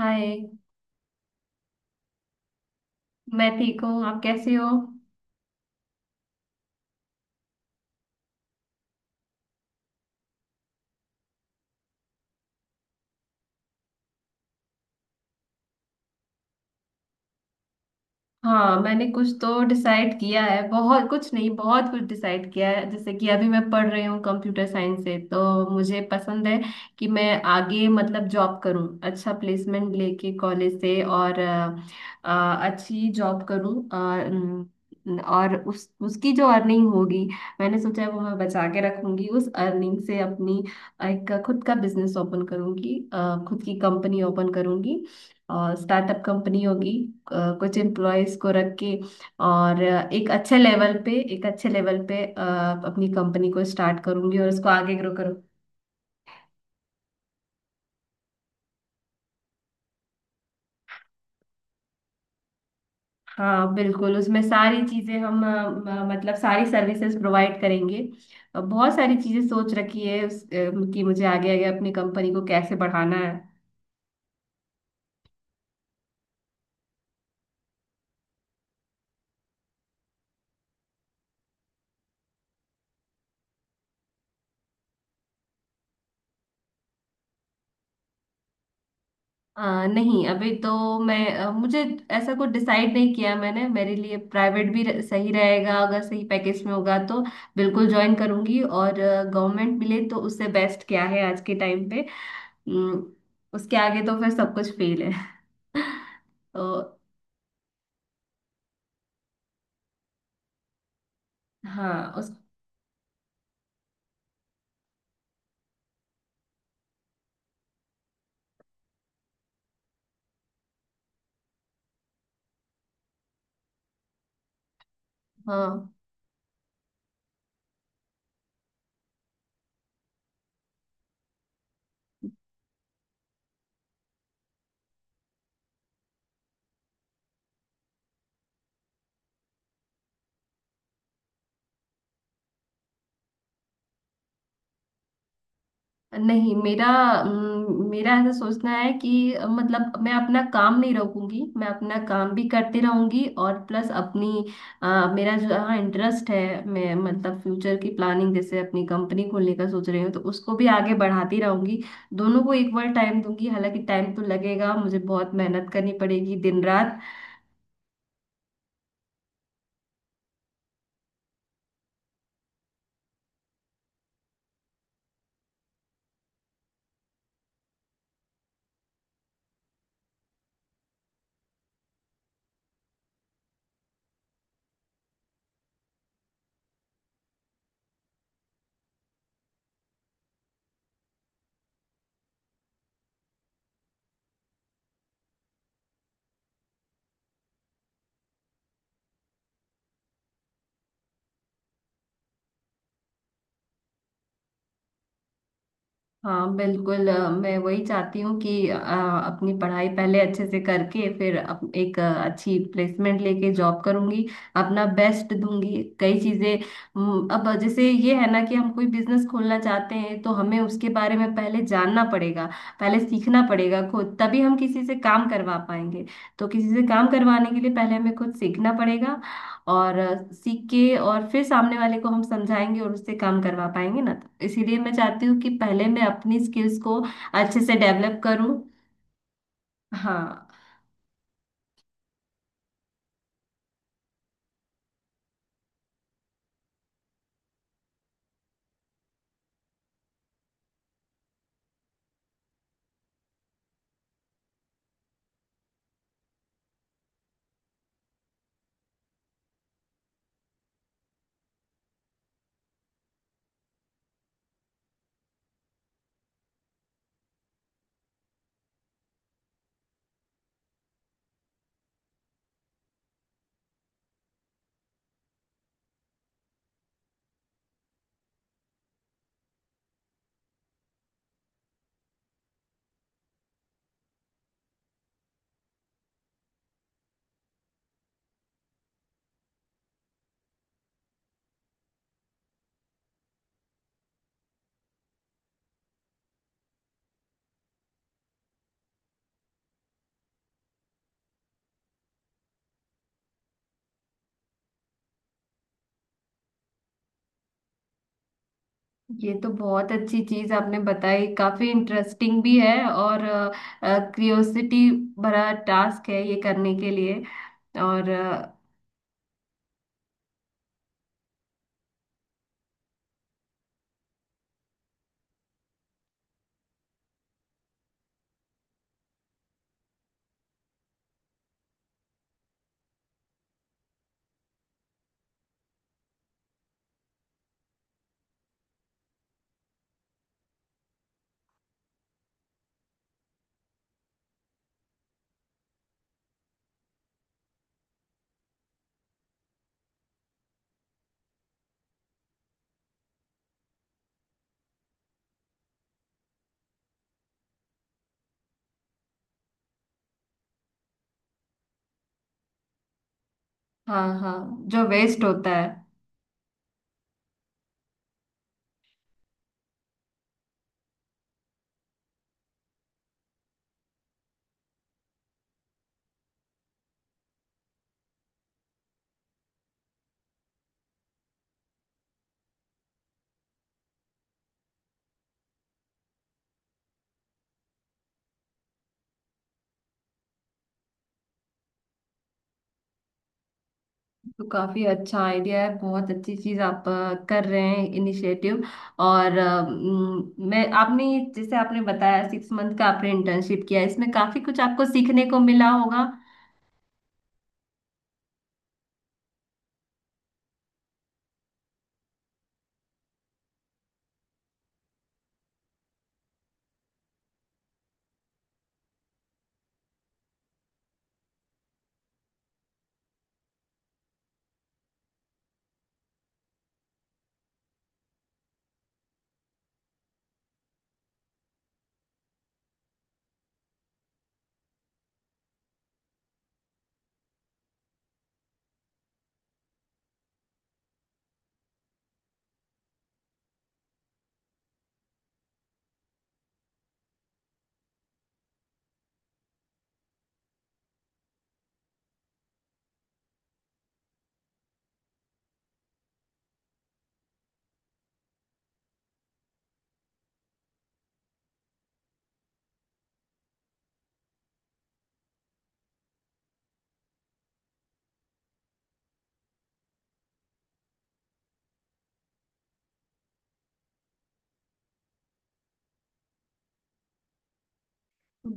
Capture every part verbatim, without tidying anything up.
हाय। मैं ठीक हूँ, आप कैसे हो। हाँ, मैंने कुछ तो डिसाइड किया है, बहुत कुछ नहीं, बहुत कुछ डिसाइड किया है। जैसे कि अभी मैं पढ़ रही हूँ कंप्यूटर साइंस से, तो मुझे पसंद है कि मैं आगे मतलब जॉब करूँ, अच्छा प्लेसमेंट लेके कॉलेज से, और अ, अ, अच्छी जॉब करूँ। अ, न- और उस उसकी जो अर्निंग होगी, मैंने सोचा है वो मैं बचा के रखूंगी। उस अर्निंग से अपनी एक खुद का बिजनेस ओपन करूंगी, अ, खुद की कंपनी ओपन करूंगी, और स्टार्टअप कंपनी होगी, अ, कुछ एम्प्लॉयज को रख के। और अ, एक अच्छे लेवल पे, एक अच्छे लेवल पे अ, अपनी कंपनी को स्टार्ट करूंगी और उसको आगे ग्रो करूँ। हाँ बिल्कुल, उसमें सारी चीजें हम अ, म- मतलब सारी सर्विसेज प्रोवाइड करेंगे। अ, बहुत सारी चीजें सोच रखी है उस, अ, कि मुझे आगे आगे अपनी कंपनी को कैसे बढ़ाना है। आ, नहीं, अभी तो मैं अ, मुझे ऐसा कुछ डिसाइड नहीं किया मैंने। मेरे लिए प्राइवेट भी रह- सही रहेगा, अगर सही पैकेज में होगा तो बिल्कुल ज्वाइन करूंगी। और गवर्नमेंट मिले तो उससे बेस्ट क्या है आज के टाइम पे। उम, उसके आगे तो फिर सब कुछ फेल है। तो हाँ उस। हाँ नहीं, मेरा अम, मेरा ऐसा सोचना है कि अ, मतलब मैं अपना काम नहीं रोकूंगी, मैं अपना काम भी करती रहूंगी, और प्लस अपनी अ, मेरा जो हाँ इंटरेस्ट है, मैं मतलब फ्यूचर की प्लानिंग जैसे अपनी कंपनी खोलने का सोच रही हूँ तो उसको भी आगे बढ़ाती रहूंगी। दोनों को इक्वल टाइम दूंगी, हालांकि टाइम तो लगेगा, मुझे बहुत मेहनत करनी पड़ेगी दिन रात। हाँ बिल्कुल, अ, मैं वही चाहती हूँ कि अ, अपनी पढ़ाई पहले अच्छे से करके फिर अप, एक अ, अच्छी प्लेसमेंट लेके जॉब करूँगी, अपना बेस्ट दूंगी कई चीज़ें। हम्म, अब जैसे ये है ना कि हम कोई बिजनेस खोलना चाहते हैं तो हमें उसके बारे में पहले जानना पड़ेगा, पहले सीखना पड़ेगा खुद, तभी हम किसी से काम करवा पाएंगे। तो किसी से काम करवाने के लिए पहले हमें खुद सीखना पड़ेगा, और अ, सीख के और फिर सामने वाले को हम समझाएंगे और उससे काम करवा पाएंगे ना। इसीलिए मैं चाहती हूँ कि पहले मैं अपनी स्किल्स को अच्छे से डेवलप करूँ। हाँ, ये तो बहुत अच्छी चीज आपने बताई, काफी इंटरेस्टिंग भी है, और क्रियोसिटी भरा टास्क है ये करने के लिए। और अ, हाँ हाँ, जो वेस्ट होता है। तो काफी अच्छा आइडिया है, बहुत अच्छी चीज आप अ, कर रहे हैं, इनिशिएटिव। और अ, म, मैं आपने, जैसे आपने बताया सिक्स मंथ का आपने इंटर्नशिप किया, इसमें काफी कुछ आपको सीखने को मिला होगा।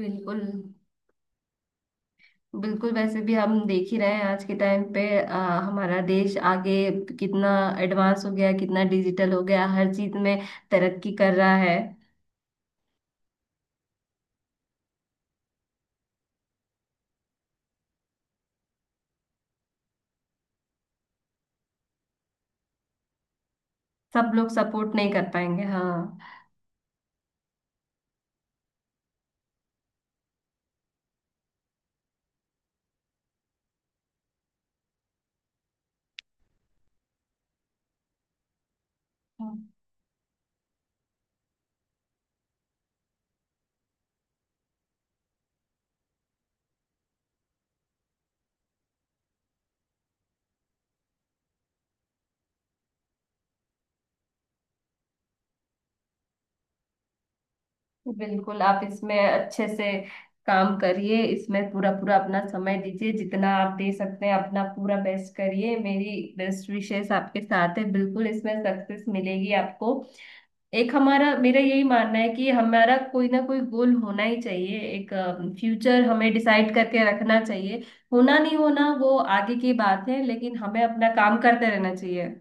बिल्कुल। बिल्कुल, वैसे भी हम देख ही रहे हैं आज के टाइम पे, अ, हमारा देश आगे कितना एडवांस हो गया, कितना डिजिटल हो गया, हर चीज में तरक्की कर रहा है। सब लोग सपोर्ट नहीं कर पाएंगे, हाँ। हाँ। बिल्कुल, आप इसमें अच्छे से काम करिए, इसमें पूरा पूरा अपना समय दीजिए जितना आप दे सकते हैं, अपना पूरा बेस्ट करिए। मेरी बेस्ट विशेष आपके साथ है, बिल्कुल इसमें सक्सेस मिलेगी आपको। एक हमारा, मेरा यही मानना है कि हमारा कोई ना कोई गोल होना ही चाहिए, एक फ्यूचर हमें डिसाइड करके रखना चाहिए। होना नहीं होना वो आगे की बात है, लेकिन हमें अपना काम करते रहना चाहिए।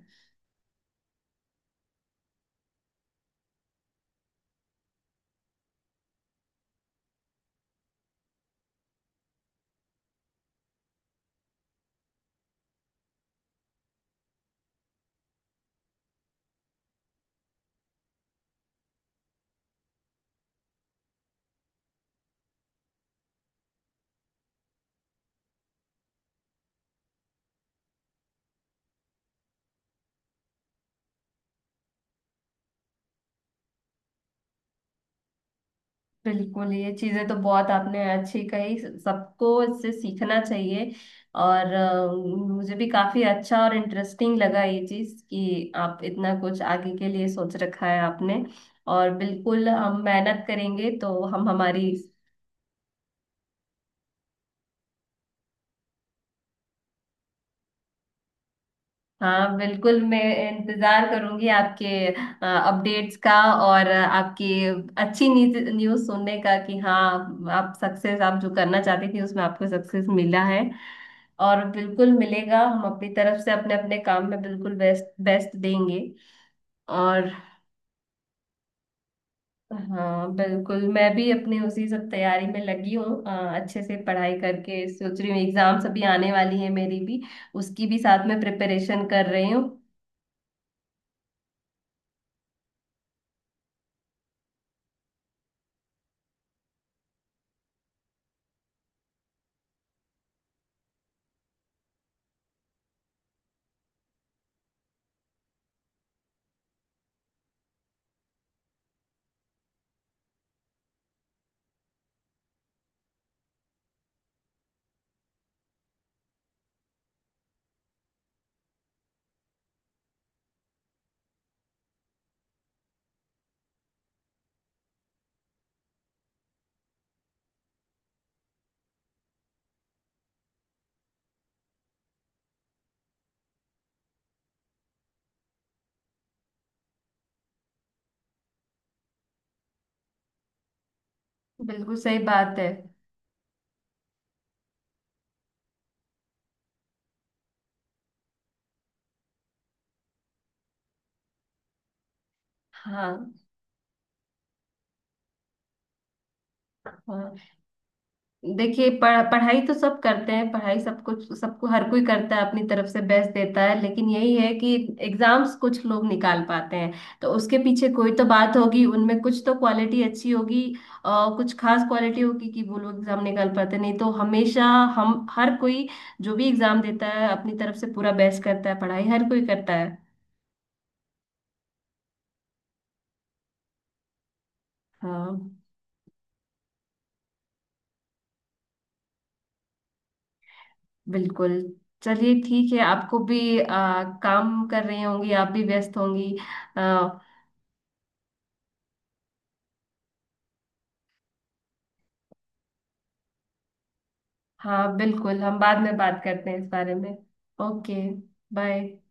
बिल्कुल, ये चीजें तो बहुत आपने अच्छी कही, सबको इससे सीखना चाहिए। और अ, मुझे भी काफी अच्छा और इंटरेस्टिंग लगा ये चीज कि आप इतना कुछ आगे के लिए सोच रखा है आपने। और बिल्कुल हम मेहनत करेंगे तो हम हमारी। हाँ बिल्कुल, मैं इंतजार करूंगी आपके अपडेट्स का, और अ, आपकी अच्छी न्यूज़ सुनने का कि हाँ, आप सक्सेस, आप जो करना चाहती थी उसमें आपको सक्सेस मिला है। और बिल्कुल मिलेगा, हम अपनी तरफ से अपने अपने काम में बिल्कुल बेस्ट बेस्ट देंगे। और हाँ बिल्कुल, मैं भी अपनी उसी सब तैयारी में लगी हूँ। अ, अच्छे से पढ़ाई करके सोच रही हूँ, एग्जाम्स अभी आने वाली है मेरी भी, उसकी भी साथ में प्रिपरेशन कर रही हूँ। बिल्कुल सही बात है। हाँ हाँ, देखिए पढ़, पढ़ाई तो सब करते हैं, पढ़ाई सब कुछ सबको हर कोई करता है, अपनी तरफ से बेस्ट देता है, लेकिन यही है कि एग्जाम्स कुछ लोग निकाल पाते हैं, तो उसके पीछे कोई तो बात होगी, उनमें कुछ तो क्वालिटी अच्छी होगी और कुछ खास क्वालिटी होगी कि वो लोग एग्जाम निकाल पाते हैं। नहीं तो हमेशा हम हर कोई, जो भी एग्जाम देता है अपनी तरफ से पूरा बेस्ट करता है, पढ़ाई हर कोई करता है। हाँ बिल्कुल। चलिए ठीक है, आपको भी आ, काम कर रही होंगी, आप भी व्यस्त होंगी। हाँ बिल्कुल, हम बाद में बात करते हैं इस बारे में। ओके। बाय।